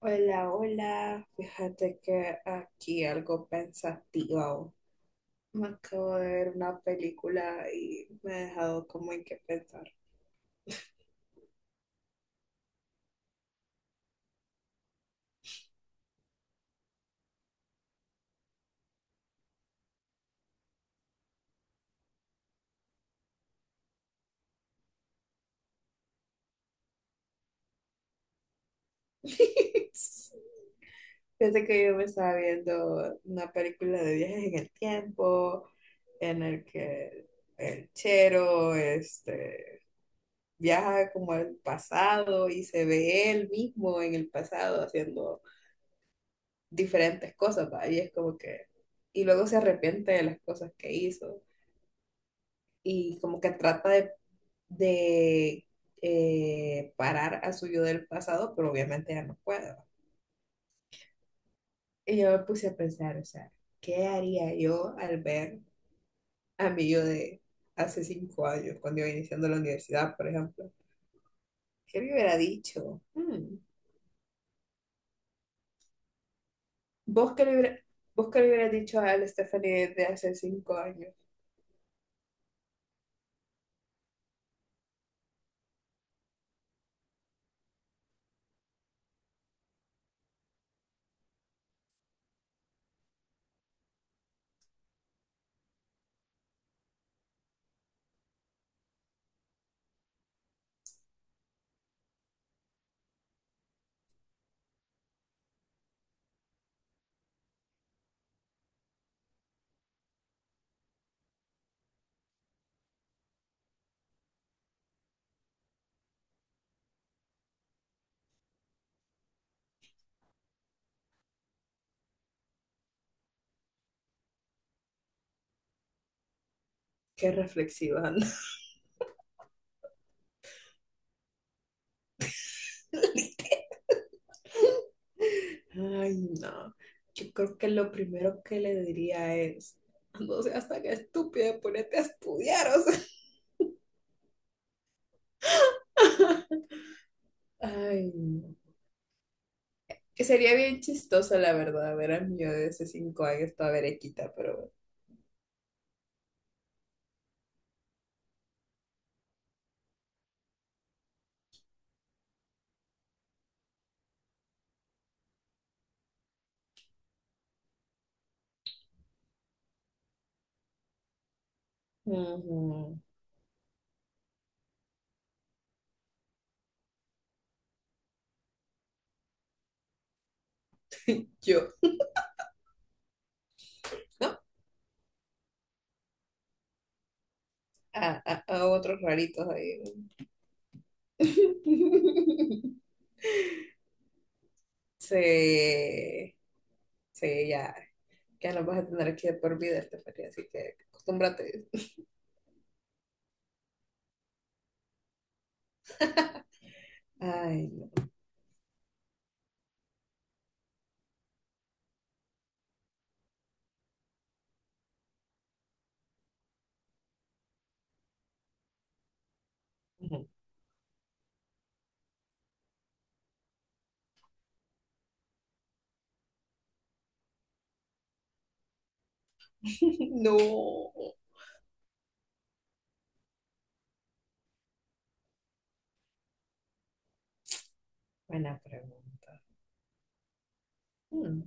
Hola, hola. Fíjate que aquí algo pensativo. Me acabo de ver una película y me ha dejado como en qué pensar. Fíjate que yo me estaba viendo una película de viajes en el tiempo, en el que el chero este, viaja como al pasado y se ve él mismo en el pasado haciendo diferentes cosas, ¿va? Y es como que, y luego se arrepiente de las cosas que hizo y como que trata de parar a su yo del pasado, pero obviamente ya no puede. Y yo me puse a pensar, o sea, ¿qué haría yo al ver a mi yo de hace 5 años, cuando iba iniciando la universidad, por ejemplo? ¿Qué le hubiera dicho? Hmm. ¿Vos qué le hubiera- vos qué le hubieras dicho a la Stephanie de hace 5 años? Qué reflexiva, ¿no? Ay, no. Yo creo que lo primero que le diría es, no seas tan estúpida, ponete a estudiar, o sea. Ay, no. Que sería bien chistoso, la verdad, ver a mí yo de hace 5 años toda berequita, pero bueno. Ujú. Yo, ¿no? A otros raritos ahí. Sí, sí, ya, ya lo vas a tener aquí de por vida, Estefanía, así que acostúmbrate. Ay, no. Ujú. No. Buena pregunta. Hmm.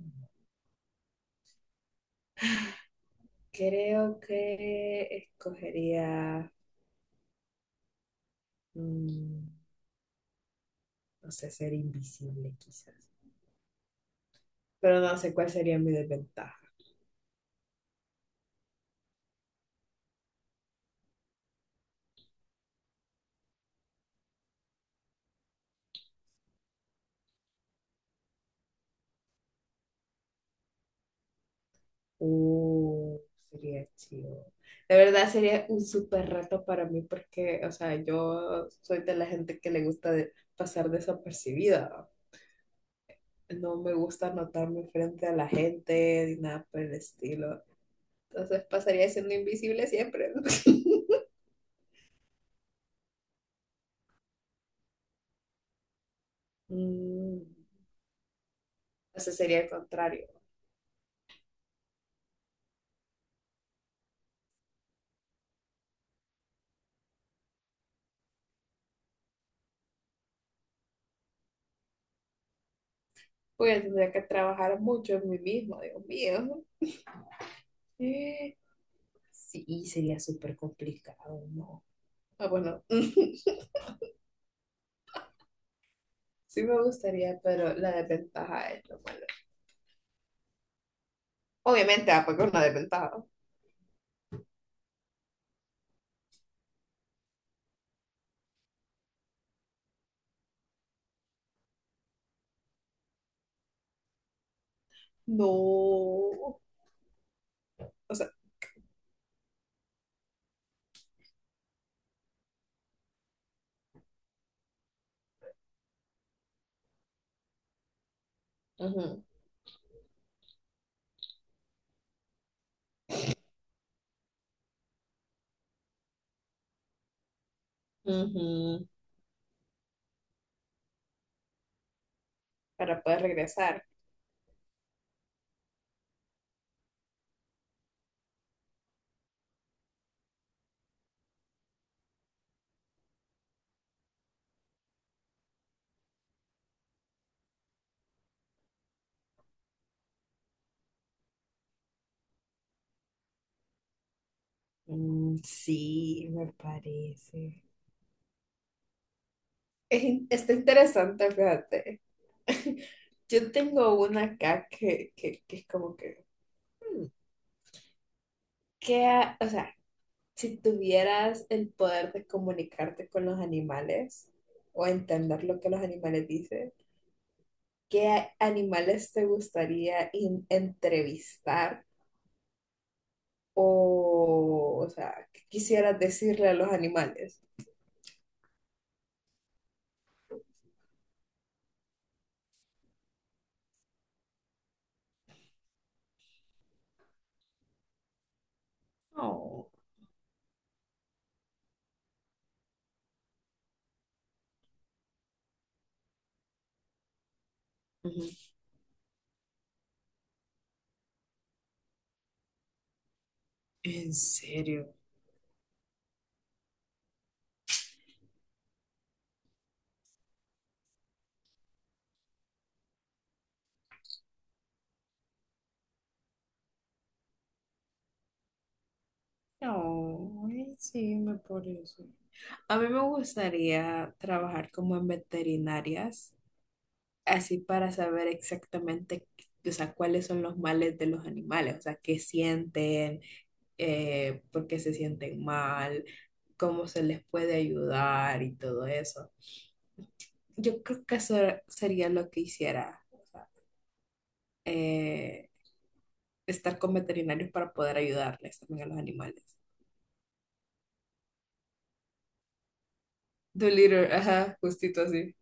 Creo que escogería, mm, no sé, ser invisible quizás. Pero no sé cuál sería mi desventaja. Uh, sería chido. De verdad sería un súper reto para mí porque, o sea, yo soy de la gente que le gusta pasar desapercibida. No me gusta notarme frente a la gente ni nada por el estilo. Entonces pasaría siendo invisible siempre. Mm, Entonces sería el contrario. Voy a tener que trabajar mucho en mí mismo, Dios mío. Eh, Sí, sería súper complicado, ¿no? Ah, bueno, sí me gustaría, pero la desventaja es lo malo. Obviamente, porque es una desventaja. No. O sea, ujú, ujú, para poder regresar. Mm, sí, me parece. Es está interesante, fíjate. Yo tengo una acá que es como que, hmm, ¿qué o sea, si tuvieras el poder de comunicarte con los animales o entender lo que los animales dicen, ¿qué animales te gustaría entrevistar o sea, qué quisieras decirle a los animales? Oh, ujú. ¿En serio? No, ay, sí, me por eso. A mí me gustaría trabajar como en veterinarias así para saber exactamente, o sea, cuáles son los males de los animales, o sea, qué sienten, por qué se sienten mal, cómo se les puede ayudar y todo eso. Yo creo que eso sería lo que hiciera, o sea, eh, estar con veterinarios para poder ayudarles también a los animales. Dolittle, ajá, justito así.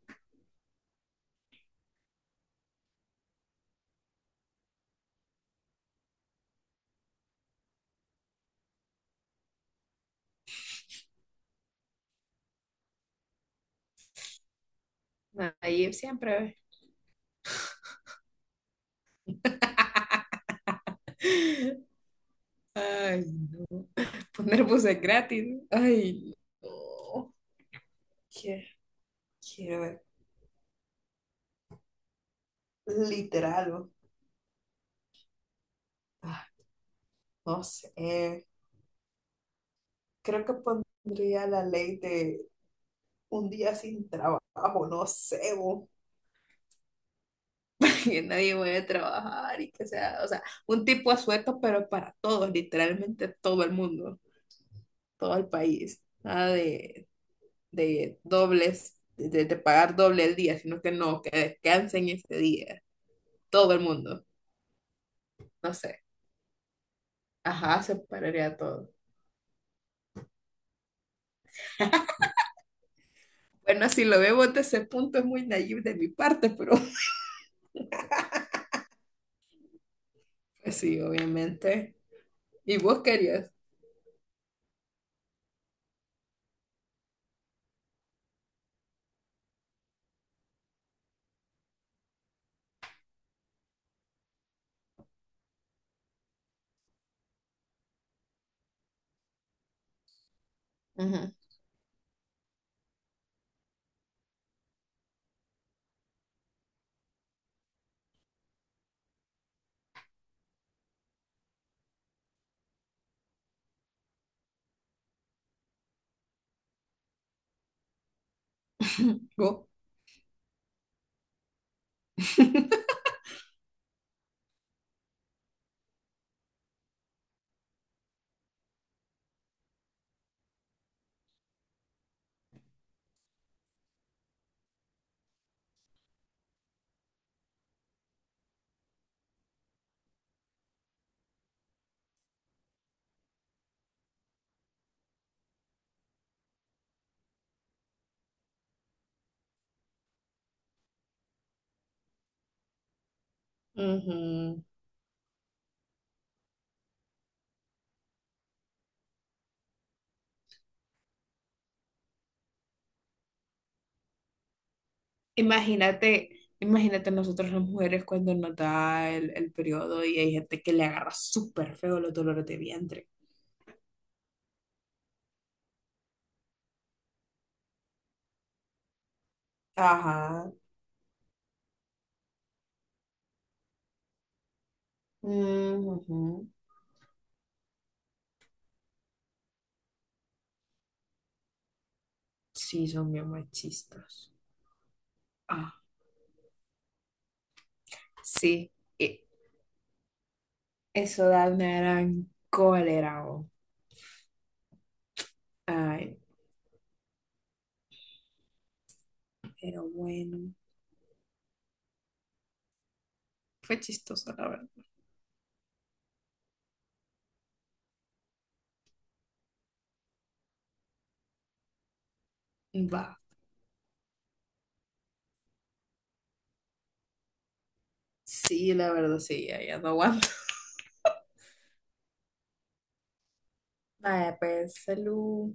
Ahí siempre. Ay, no. Poner buses gratis. Ay, no. Quiero, quiero literal, ah, no sé, creo que pondría la ley de un día sin trabajo, no sé, o que nadie vaya a trabajar y que sea, o sea, un tipo de sueldo, pero para todos, literalmente todo el mundo, todo el país, nada de, de dobles, de pagar doble el día, sino que no, que descansen ese día, todo el mundo, no sé, ajá, separaría todo. Bueno, si lo vemos desde ese punto es muy naive de mi parte, pero... Pues sí, obviamente. ¿Y vos querías? Ujú. ¿Vos? Ujú. Imagínate, imagínate nosotros las mujeres cuando nos da el periodo y hay gente que le agarra súper feo los dolores de vientre. Ajá. Mm, ujú. Sí, son bien machistas. Ah, sí, y eso da una gran cólera. Oh. Ay, pero bueno, fue chistoso, la verdad. Va. Sí, la verdad, sí, ya, ya no aguanto. Vaya, pues, salud.